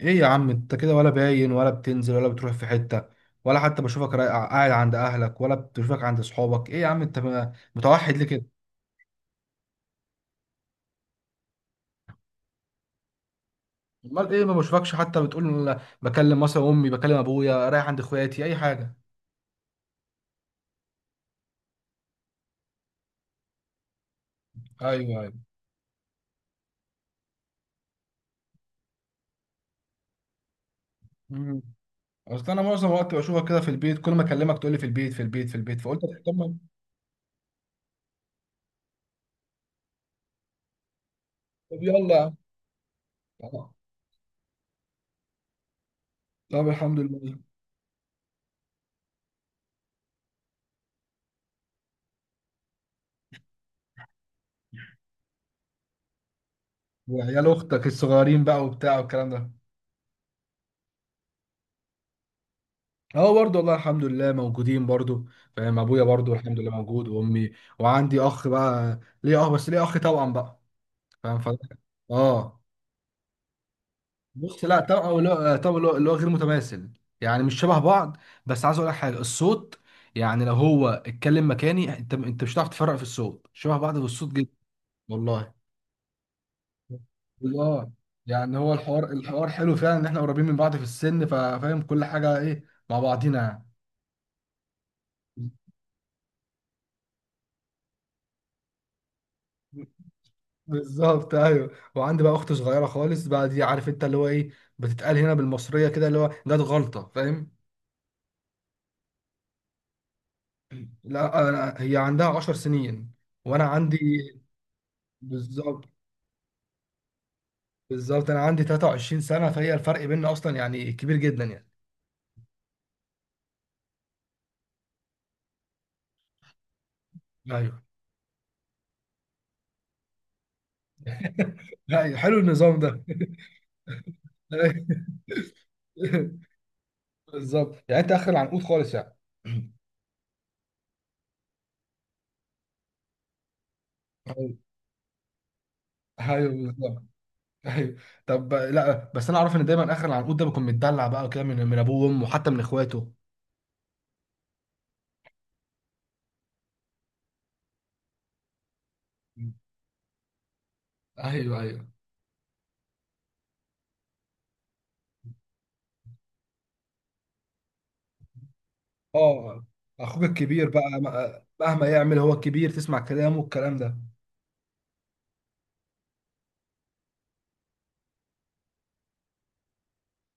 ايه يا عم انت كده، ولا باين ولا بتنزل ولا بتروح في حتة ولا حتى بشوفك قاعد عند اهلك ولا بشوفك عند صحابك. ايه يا عم انت متوحد ليه كده؟ امال ايه، ما بشوفكش حتى بتقول بكلم مثلا امي، بكلم ابويا، رايح عند اخواتي اي حاجة. ايوه، ايوه. مم. اصل انا معظم الوقت بشوفك كده في البيت، كل ما اكلمك تقول لي في البيت في البيت في البيت، فقلت طب. طب يلا. يا عم. طب الحمد لله. وعيال اختك الصغيرين بقى وبتاع والكلام ده. اه، برضه والله الحمد لله موجودين برضه. فاهم، ابويا برضه الحمد لله موجود وامي. وعندي اخ بقى ليه. اه، بس ليه اخ توأم بقى. فاهم اه. بص، لا توأم اللي هو توأم اللي هو غير متماثل، يعني مش شبه بعض. بس عايز اقول لك حاجه، الصوت يعني لو هو اتكلم مكاني انت مش هتعرف تفرق في الصوت، شبه بعض في الصوت جدا. والله. اه، يعني هو الحوار الحوار حلو فعلا، ان احنا قريبين من بعض في السن ففاهم كل حاجه ايه مع بعضينا يعني. بالظبط، ايوه. وعندي بقى اخت صغيره خالص بقى، دي عارف انت اللي هو ايه بتتقال هنا بالمصريه كده اللي هو جت غلطه فاهم. لا، أنا هي عندها 10 سنين، وانا عندي. بالظبط، بالظبط انا عندي 23 سنه، فهي الفرق بيننا اصلا يعني كبير جدا يعني. ايوه. أيوة، حلو النظام ده. بالظبط، يعني انت اخر العنقود خالص يعني. ايوه، أيوة، بالظبط. ايوه. طب لا، بس انا اعرف ان دايما اخر العنقود ده بيكون متدلع بقى كده من ابوه وامه، وحتى من اخواته. ايوه، ايوه. اه. اخوك الكبير بقى مهما يعمل هو الكبير تسمع كلامه والكلام ده.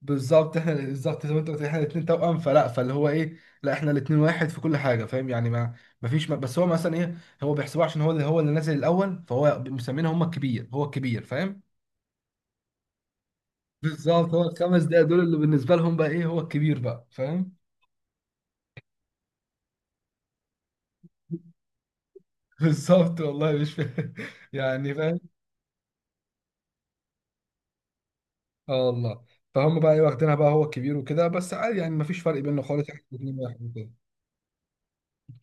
بالظبط، احنا بالظبط زي ما انت قلت احنا الاثنين توأم، فاللي هو ايه. لا، احنا الاثنين واحد في كل حاجه فاهم يعني ما. ما فيش ما، بس هو مثلا ايه، هو بيحسبوه عشان هو اللي هو اللي نازل الاول، فهو مسمينه هم الكبير، هو الكبير فاهم. بالظبط، هو الخمس دقايق دول اللي بالنسبه لهم بقى ايه، هو الكبير بقى فاهم. بالظبط والله مش فاهم، يعني فاهم. اه والله. فهم بقى ايه، واخدينها بقى هو الكبير وكده، بس عادي يعني ما فيش فرق بيننا خالص، احنا الاثنين واحد وكده.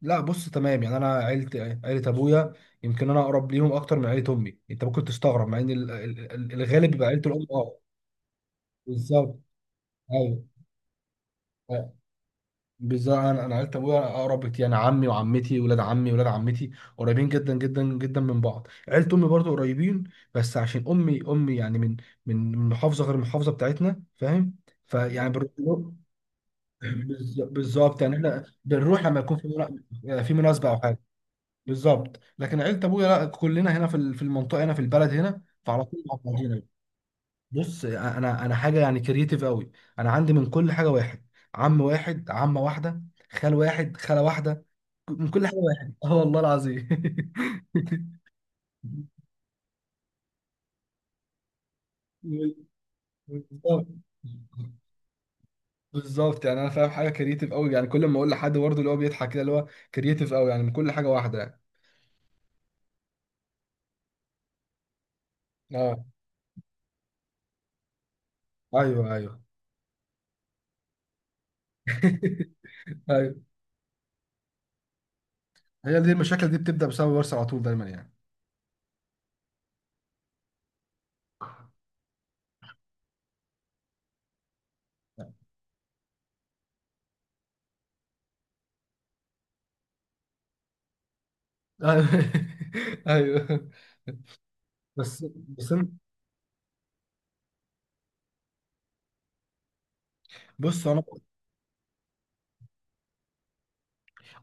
لا، بص تمام، يعني انا عيلة ابويا يمكن انا اقرب ليهم اكتر من عيلة امي. انت ممكن تستغرب، مع ان الغالب بيبقى عيلة الام. اه. بالظبط، ايوه. آه، بالظبط انا عيلة ابويا اقرب بكتير، يعني عمي وعمتي ولاد عمي ولاد عمتي قريبين جدا جدا جدا من بعض. عيلة امي برضو قريبين، بس عشان امي يعني من محافظة غير المحافظة بتاعتنا فاهم، فيعني بنروح. بالظبط، بالظبط، يعني احنا بنروح لما يكون في مناسبة او حاجة. بالظبط، لكن عيله ابويا لا، كلنا هنا في المنطقه هنا في البلد هنا، فعلى طول مع بعضينا. بص، انا حاجه يعني كرييتيف قوي، انا عندي من كل حاجه واحد. عم واحد، عمه واحده، خال واحد، خاله واحده، من كل حاجه واحد. اه والله العظيم. بالظبط، بالظبط، يعني انا فاهم حاجه كرييتيف قوي، يعني كل ما اقول لحد برضه اللي هو بيضحك كده، اللي هو كرييتيف قوي، يعني من كل حاجه واحده يعني. اه، ايوه، ايوه. ايوه، هي دي المشاكل دي بتبدا بسبب ورثه على طول دايما يعني. ايوه. أيوة. بس بس بص انا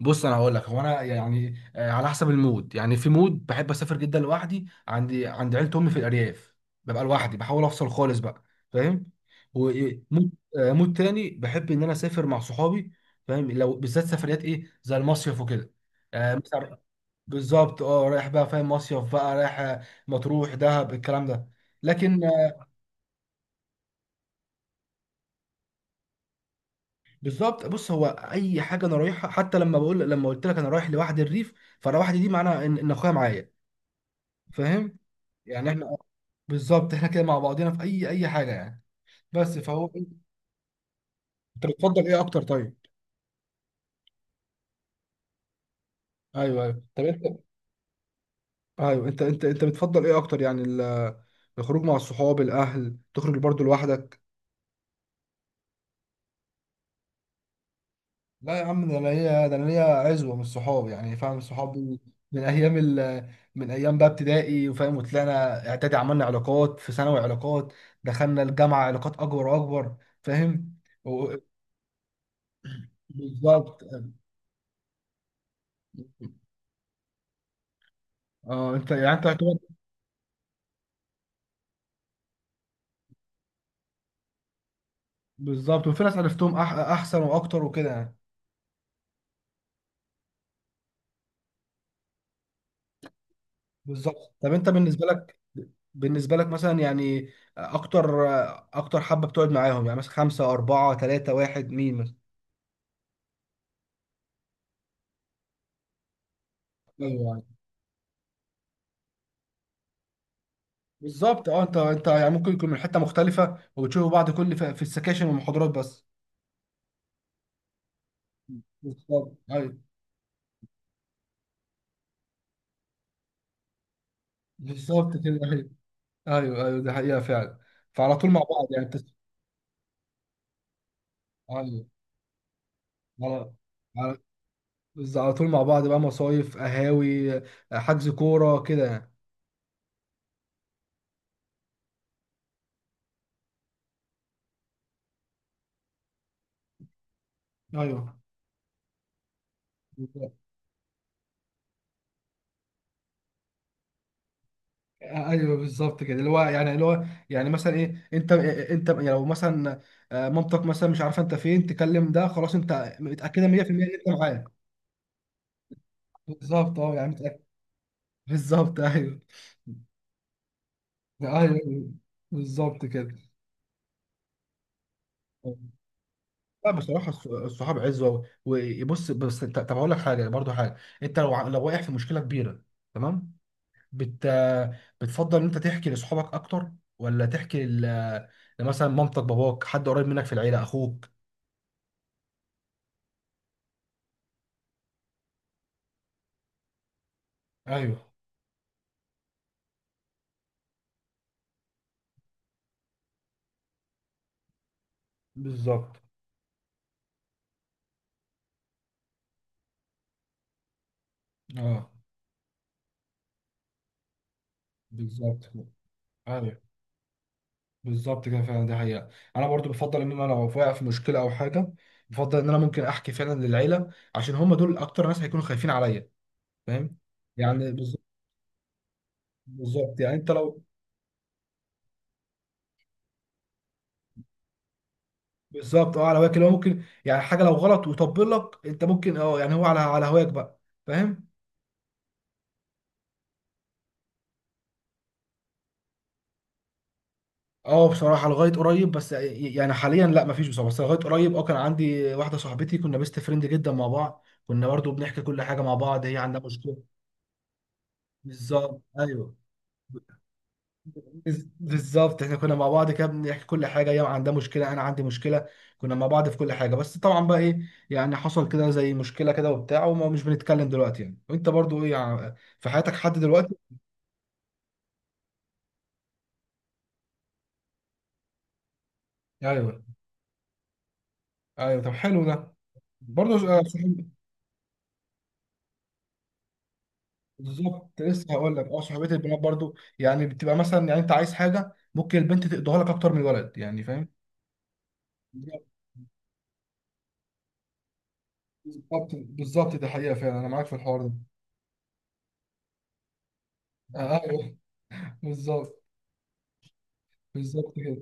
بص انا هقول لك، هو انا يعني على حسب المود يعني. في مود بحب اسافر جدا لوحدي، عند عيلة امي في الارياف ببقى لوحدي، بحاول افصل خالص بقى فاهم. ومود مود تاني بحب ان انا اسافر مع صحابي، فاهم لو بالذات سفريات ايه زي المصيف وكده. مثلا. بالظبط، اه، رايح بقى فاهم مصيف بقى، رايح مطروح، دهب، الكلام ده. لكن. بالظبط، بص هو اي حاجه انا رايحها، حتى لما قلت لك انا رايح لوحدي الريف، فانا وحدي دي معناها ان اخويا معايا، فاهم يعني احنا. بالظبط، احنا كده مع بعضينا في اي حاجه يعني. بس فهو انت بتفضل ايه اكتر طيب؟ ايوه، ايوه. طب انت. ايوه، انت بتفضل ايه اكتر يعني الخروج مع الصحاب، الاهل، تخرج برضه لوحدك؟ لا يا عم، ده انا ليا عزوه من الصحاب يعني فاهم. الصحاب دول من ايام ال... من ايام بقى ابتدائي وفاهم، وطلعنا اعدادي عملنا علاقات، في ثانوي علاقات، دخلنا الجامعه علاقات اكبر واكبر فاهم. و... بالظبط، اه، انت يعني انت يعتبر. بالظبط، وفي ناس عرفتهم احسن واكتر وكده يعني. بالظبط، طب انت بالنسبه لك، بالنسبه لك مثلا يعني اكتر. اكتر حبه بتقعد معاهم، يعني مثلا خمسه، اربعه، ثلاثه، واحد، مين مثلا؟ ايوه، بالظبط، اه، انت يعني ممكن يكون من حته مختلفه وبتشوفوا بعض كل في السكاشن والمحاضرات بس. بالظبط، ايوه. بالظبط كده، ايوه، ايوه. ايوه دي حقيقه فعلا. فعلى طول مع بعض يعني ايوه، على على بس على طول مع بعض بقى، مصايف، قهاوي، حجز كوره كده يعني. ايوه، بالظبط. ايوه، بالظبط كده اللي هو يعني اللي هو، يعني مثلا ايه انت يعني لو مثلا مامتك مثلا مش عارفه انت فين، تكلم، ده خلاص انت متاكده 100% ان انت معاه. بالظبط، اه، يعني بالظبط. ايوه، ايوه، أيوة. بالظبط كده. لا، بصراحه الصحاب عزوه. وبص، بس طب هقول لك حاجه، برضو حاجه. انت لو لو واقع في مشكله كبيره تمام، بت بتفضل ان انت تحكي لاصحابك اكتر، ولا تحكي لمثلا مامتك، باباك، حد قريب منك في العيله، اخوك؟ ايوه، بالظبط، اه، بالظبط، ايوه، بالظبط كده فعلا دي حقيقة. أنا برضو بفضل إن أنا لو واقع في مشكلة أو حاجة، بفضل إن أنا ممكن أحكي فعلا للعيلة، عشان هم دول أكتر ناس هيكونوا خايفين عليا فاهم يعني. بالظبط، بالظبط يعني أنت لو. بالظبط، أه على هواك، اللي هو ممكن يعني حاجة لو غلط وطبل لك أنت، ممكن أه يعني هو على هواك بقى فاهم. أه بصراحة، لغاية قريب بس، يعني حاليا لا مفيش بصراحة، بس لغاية قريب كان عندي واحدة صاحبتي، كنا بيست فريند جدا مع بعض، كنا برضو بنحكي كل حاجة مع بعض، هي عندها مشكلة. بالظبط، أيوه. بالظبط احنا كنا مع بعض كده بنحكي كل حاجه، هي عندها مشكله انا عندي مشكله، كنا مع بعض في كل حاجه. بس طبعا بقى ايه، يعني حصل كده زي مشكله كده وبتاع، وما مش بنتكلم دلوقتي يعني. وانت برضو ايه، في حياتك حد دلوقتي؟ ايوه، ايوه، طب حلو ده. برضو بالظبط، لسه هقول لك صحوبيه البنات برضو، يعني بتبقى مثلا، يعني انت عايز حاجه ممكن البنت تقضيها لك اكتر من الولد، يعني فاهم. بالظبط، بالظبط، دي حقيقه فعلا، انا معاك في الحوار ده. ايوه. بالظبط، بالظبط كده.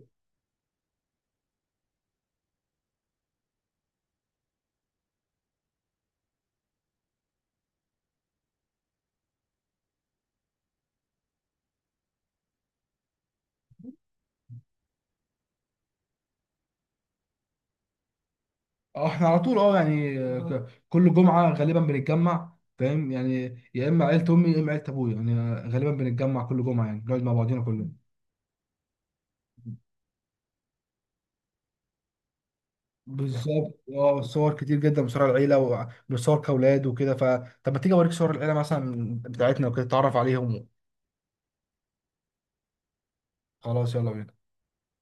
اه، احنا على طول، يعني كل جمعة غالبا بنتجمع فاهم يعني، يا اما عيلة امي يا اما عيلة ابويا، يعني غالبا بنتجمع كل جمعة يعني بنقعد مع بعضينا كلنا. بالظبط، اه، صور كتير جدا بصور العيلة وبصور كأولاد وكده طب ما تيجي اوريك صور العيلة مثلا بتاعتنا وكده تتعرف عليهم؟ خلاص، يلا بينا.